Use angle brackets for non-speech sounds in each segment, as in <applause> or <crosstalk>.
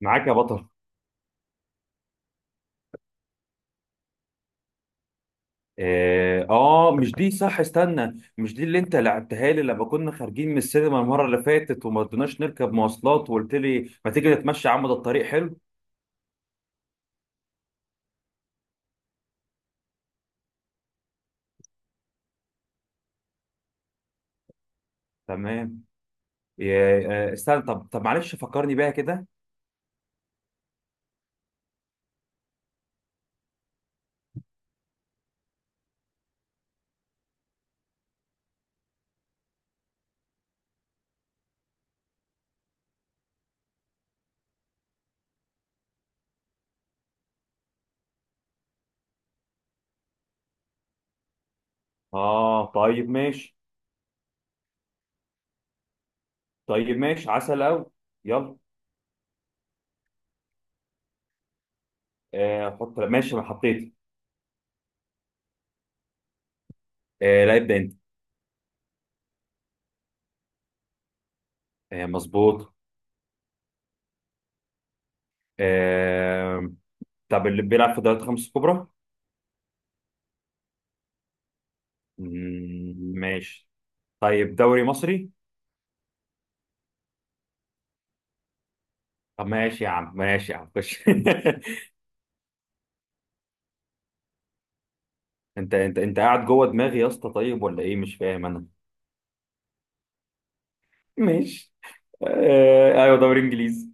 معاك يا بطل. مش دي، صح، استنى، مش دي اللي انت لعبتها لي لما كنا خارجين من السينما المره اللي فاتت وما رضيناش نركب مواصلات وقلت لي ما تيجي نتمشى يا عم، ده الطريق حلو. تمام. استنى طب معلش فكرني بيها كده. اه طيب ماشي. طيب ماشي، عسل اوي. يلا. آه حط، ماشي، انا حطيت. آه لا، ابدا انت. آه مظبوط. آه طب اللي بيلعب في دوري الخمس الكبرى. ماشي. طيب دوري مصري. طب ماشي يا عم، ماشي يا عم، خش <laughs> انت قاعد جوه دماغي يا اسطى، طيب ولا ايه؟ مش فاهم انا. ماشي. آه ايوه دوري انجليزي.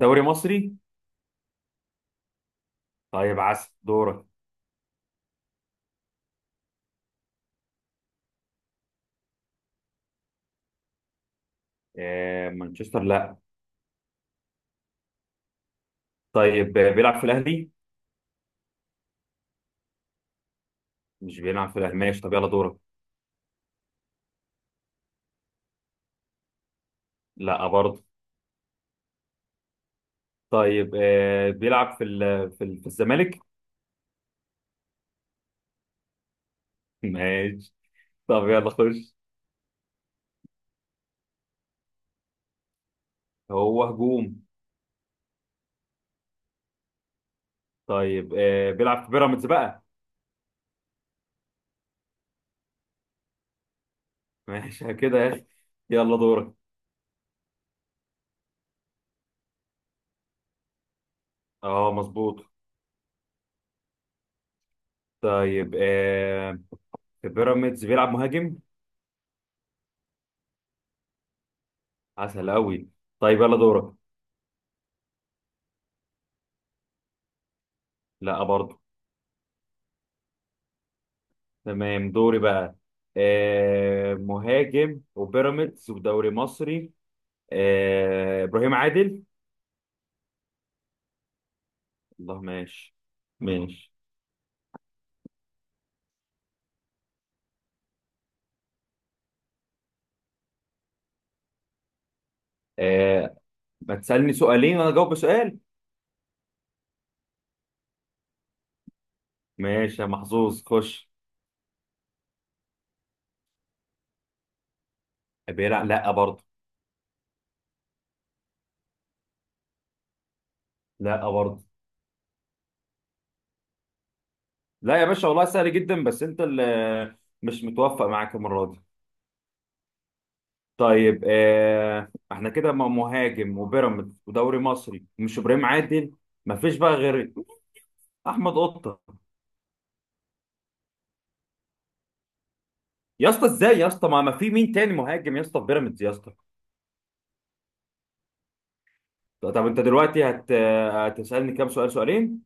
دوري مصري. طيب عسل، دورك. آه مانشستر لا. طيب بيلعب في الاهلي. مش بيلعب في الاهلي، ماشي، طب يلا دورك. لا برضه. طيب بيلعب في ال في, ال في الزمالك. <laughs> ماشي. طب يلا خش. هو هجوم. طيب بيلعب في بيراميدز بقى. <laughs> ماشي كده يا اخي. يلا دورك. اه مظبوط. طيب في بيراميدز بيلعب مهاجم. عسل قوي. طيب يلا دورك. لا برضه. تمام دوري بقى. آه مهاجم وبيراميدز ودوري مصري. آه ابراهيم عادل. الله ماشي. ماشي، آه، ما تسألني سؤالين وانا اجاوب بسؤال. ماشي يا محظوظ، خش. بيلعب لا برضه. لا برضه. لا يا باشا والله سهل جدا، بس انت اللي مش متوفق معاك المره دي. طيب احنا كده مع مهاجم وبيراميدز ودوري مصري، مش ابراهيم عادل، مفيش بقى غير احمد قطه. يا اسطى ازاي يا اسطى؟ ما في مين تاني مهاجم يا اسطى في بيراميدز يا اسطى؟ طب انت دلوقتي هت آه، هتسالني كام سؤال؟ سؤالين؟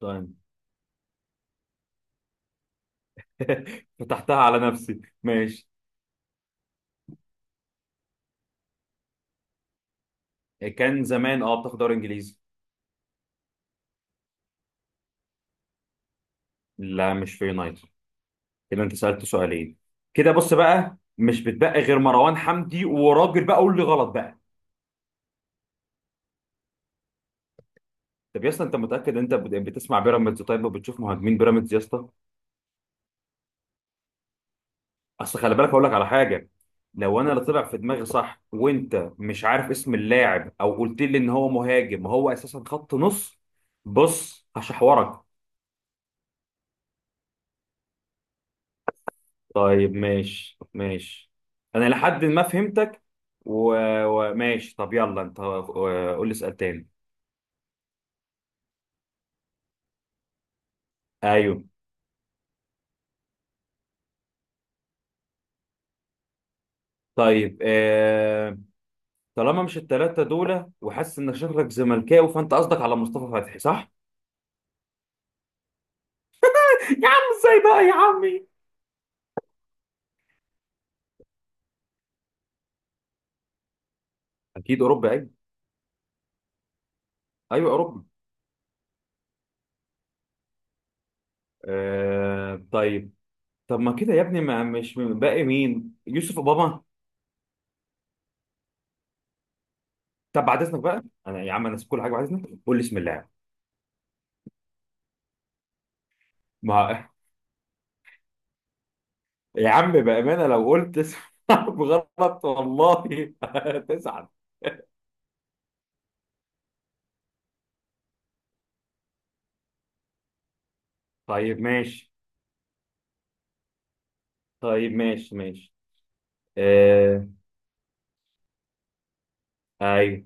طيب. <laughs> فتحتها على نفسي، ماشي. كان زمان اه بتاخد دوري انجليزي. لا مش في يونايتد. كده انت سالت سؤالين. كده بص بقى مش بتبقى غير مروان حمدي وراجل بقى، قول لي غلط بقى. طب يا اسطى انت متاكد؟ انت يعني بتسمع بيراميدز؟ طيب وبتشوف مهاجمين بيراميدز يا اسطى؟ اصل خلي بالك اقول لك على حاجه. لو انا اللي طلع في دماغي صح وانت مش عارف اسم اللاعب، او قلت لي ان هو مهاجم وهو اساسا خط نص، بص هشحورك. طيب ماشي ماشي. انا لحد ما فهمتك وماشي. طب يلا انت قول لي سؤال تاني. ايوه. طيب طالما مش التلاتة دول وحاسس ان شكلك زملكاوي، فانت قصدك على مصطفى فتحي، صح؟ يا عم ازاي بقى يا عمي؟ اكيد اوروبا، ايوه. ايوه اوروبا. آه طيب. طب ما كده يا ابني، ما مش من- باقي مين؟ يوسف اوباما؟ طب بعد اذنك بقى، انا يا عم انا نسيب كل حاجه، بعد اذنك قول لي بسم الله. ما <laughs> يا عم بامانه لو قلت اسم <laughs> حرف غلط، والله <laughs> هتزعل. طيب ماشي. طيب ماشي ماشي. آه ايوه.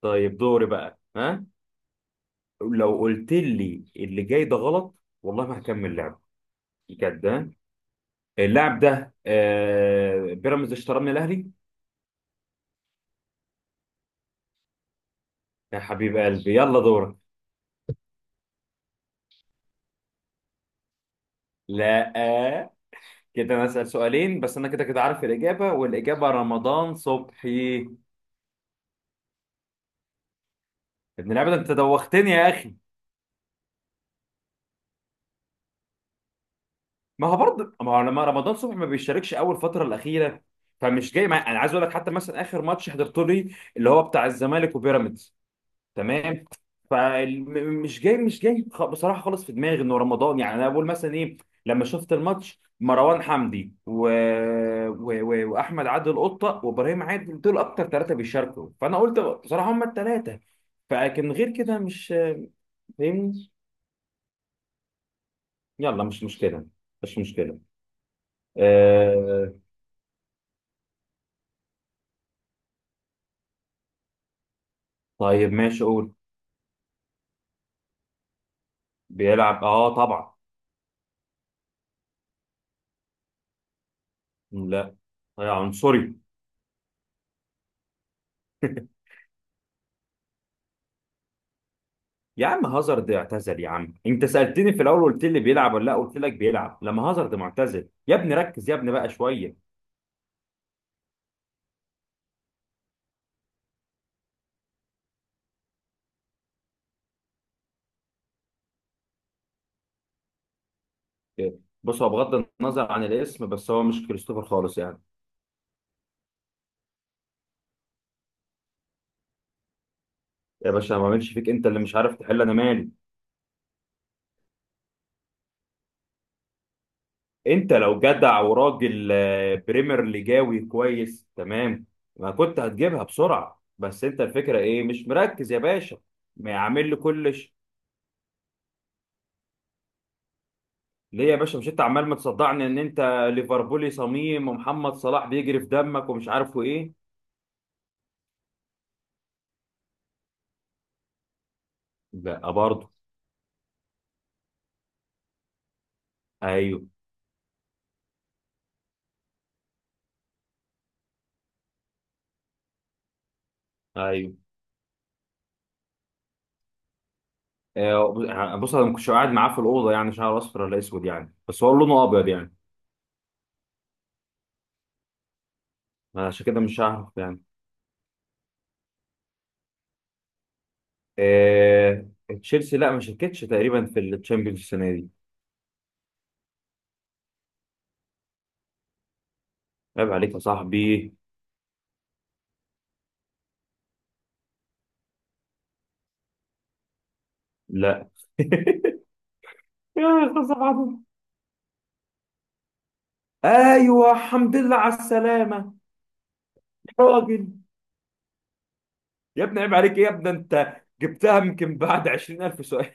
طيب دوري بقى، ها. لو قلت لي اللي جاي ده غلط، والله ما هكمل لعب. بجد. اللاعب ده بيراميدز اشتراه من الاهلي. يا حبيب قلبي، يلا دورك. لا. كده انا اسال سؤالين بس، انا كده كده عارف الاجابه، والاجابه رمضان صبحي. ابن اللعيبه ده، انت دوختني يا اخي. ما هو برضه، ما هو لما رمضان صبحي ما بيشاركش اول فتره الاخيره، فمش انا عايز اقول لك حتى مثلا اخر ماتش حضرته لي اللي هو بتاع الزمالك وبيراميدز، تمام، فمش جاي، مش جاي خ- بصراحه خالص في دماغي انه رمضان، يعني انا بقول مثلا ايه، لما شفت الماتش مروان حمدي و... و... و... واحمد عادل قطه وابراهيم عادل، دول اكتر ثلاثه بيشاركوا، فانا قلت بصراحه هم الثلاثه، فلكن غير كده مش فاهمني. يلا مش مشكله، مش مشكله. آه... طيب ماشي، قول. بيلعب اه طبعا. لا. آه عنصري <laughs> يا عم هازارد اعتزل يا عم، انت سألتني في الاول قلت لي بيلعب ولا لا، قلت لك بيلعب. لما هازارد معتزل يا ابني، ركز يا ابني بقى شوية. بص هو بغض النظر عن الاسم، بس هو مش كريستوفر خالص يعني. يا باشا ما اعملش فيك، انت اللي مش عارف تحل، انا مالي؟ انت لو جدع وراجل بريمير ليجاوي كويس تمام، ما كنت هتجيبها بسرعة، بس انت الفكرة ايه؟ مش مركز يا باشا. ما عامل لي كلش. ليه يا باشا؟ مش انت عمال متصدعني ان انت ليفربولي صميم ومحمد صلاح بيجري في دمك ومش عارفه ايه؟ لا برضه. ايوه. ايوه. بص انا ما كنتش قاعد معاه في الاوضه يعني، شعره اصفر ولا اسود يعني، بس هو لونه ابيض يعني، عشان كده مش هعرف يعني. آه، تشيلسي لا ما شاركتش تقريبا في الشامبيونز السنه دي. عيب عليك يا صاحبي. لا <laughs> يا أستاذ عبد. ايوه، الحمد لله على السلامه. يا راجل، يا ابني عيب عليك إيه يا ابني؟ انت جبتها يمكن بعد 20,000 سؤال.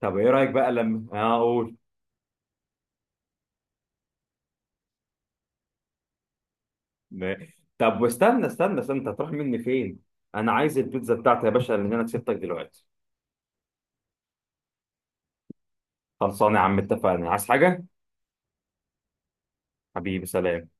طب ايه رايك بقى لما اقول. ما- طب واستنى استنى انت هتروح مني فين؟ انا عايز البيتزا بتاعتي يا باشا، لان انا كسبتك دلوقتي. خلصانه يا عم، اتفقنا؟ عايز حاجه؟ حبيبي سلام.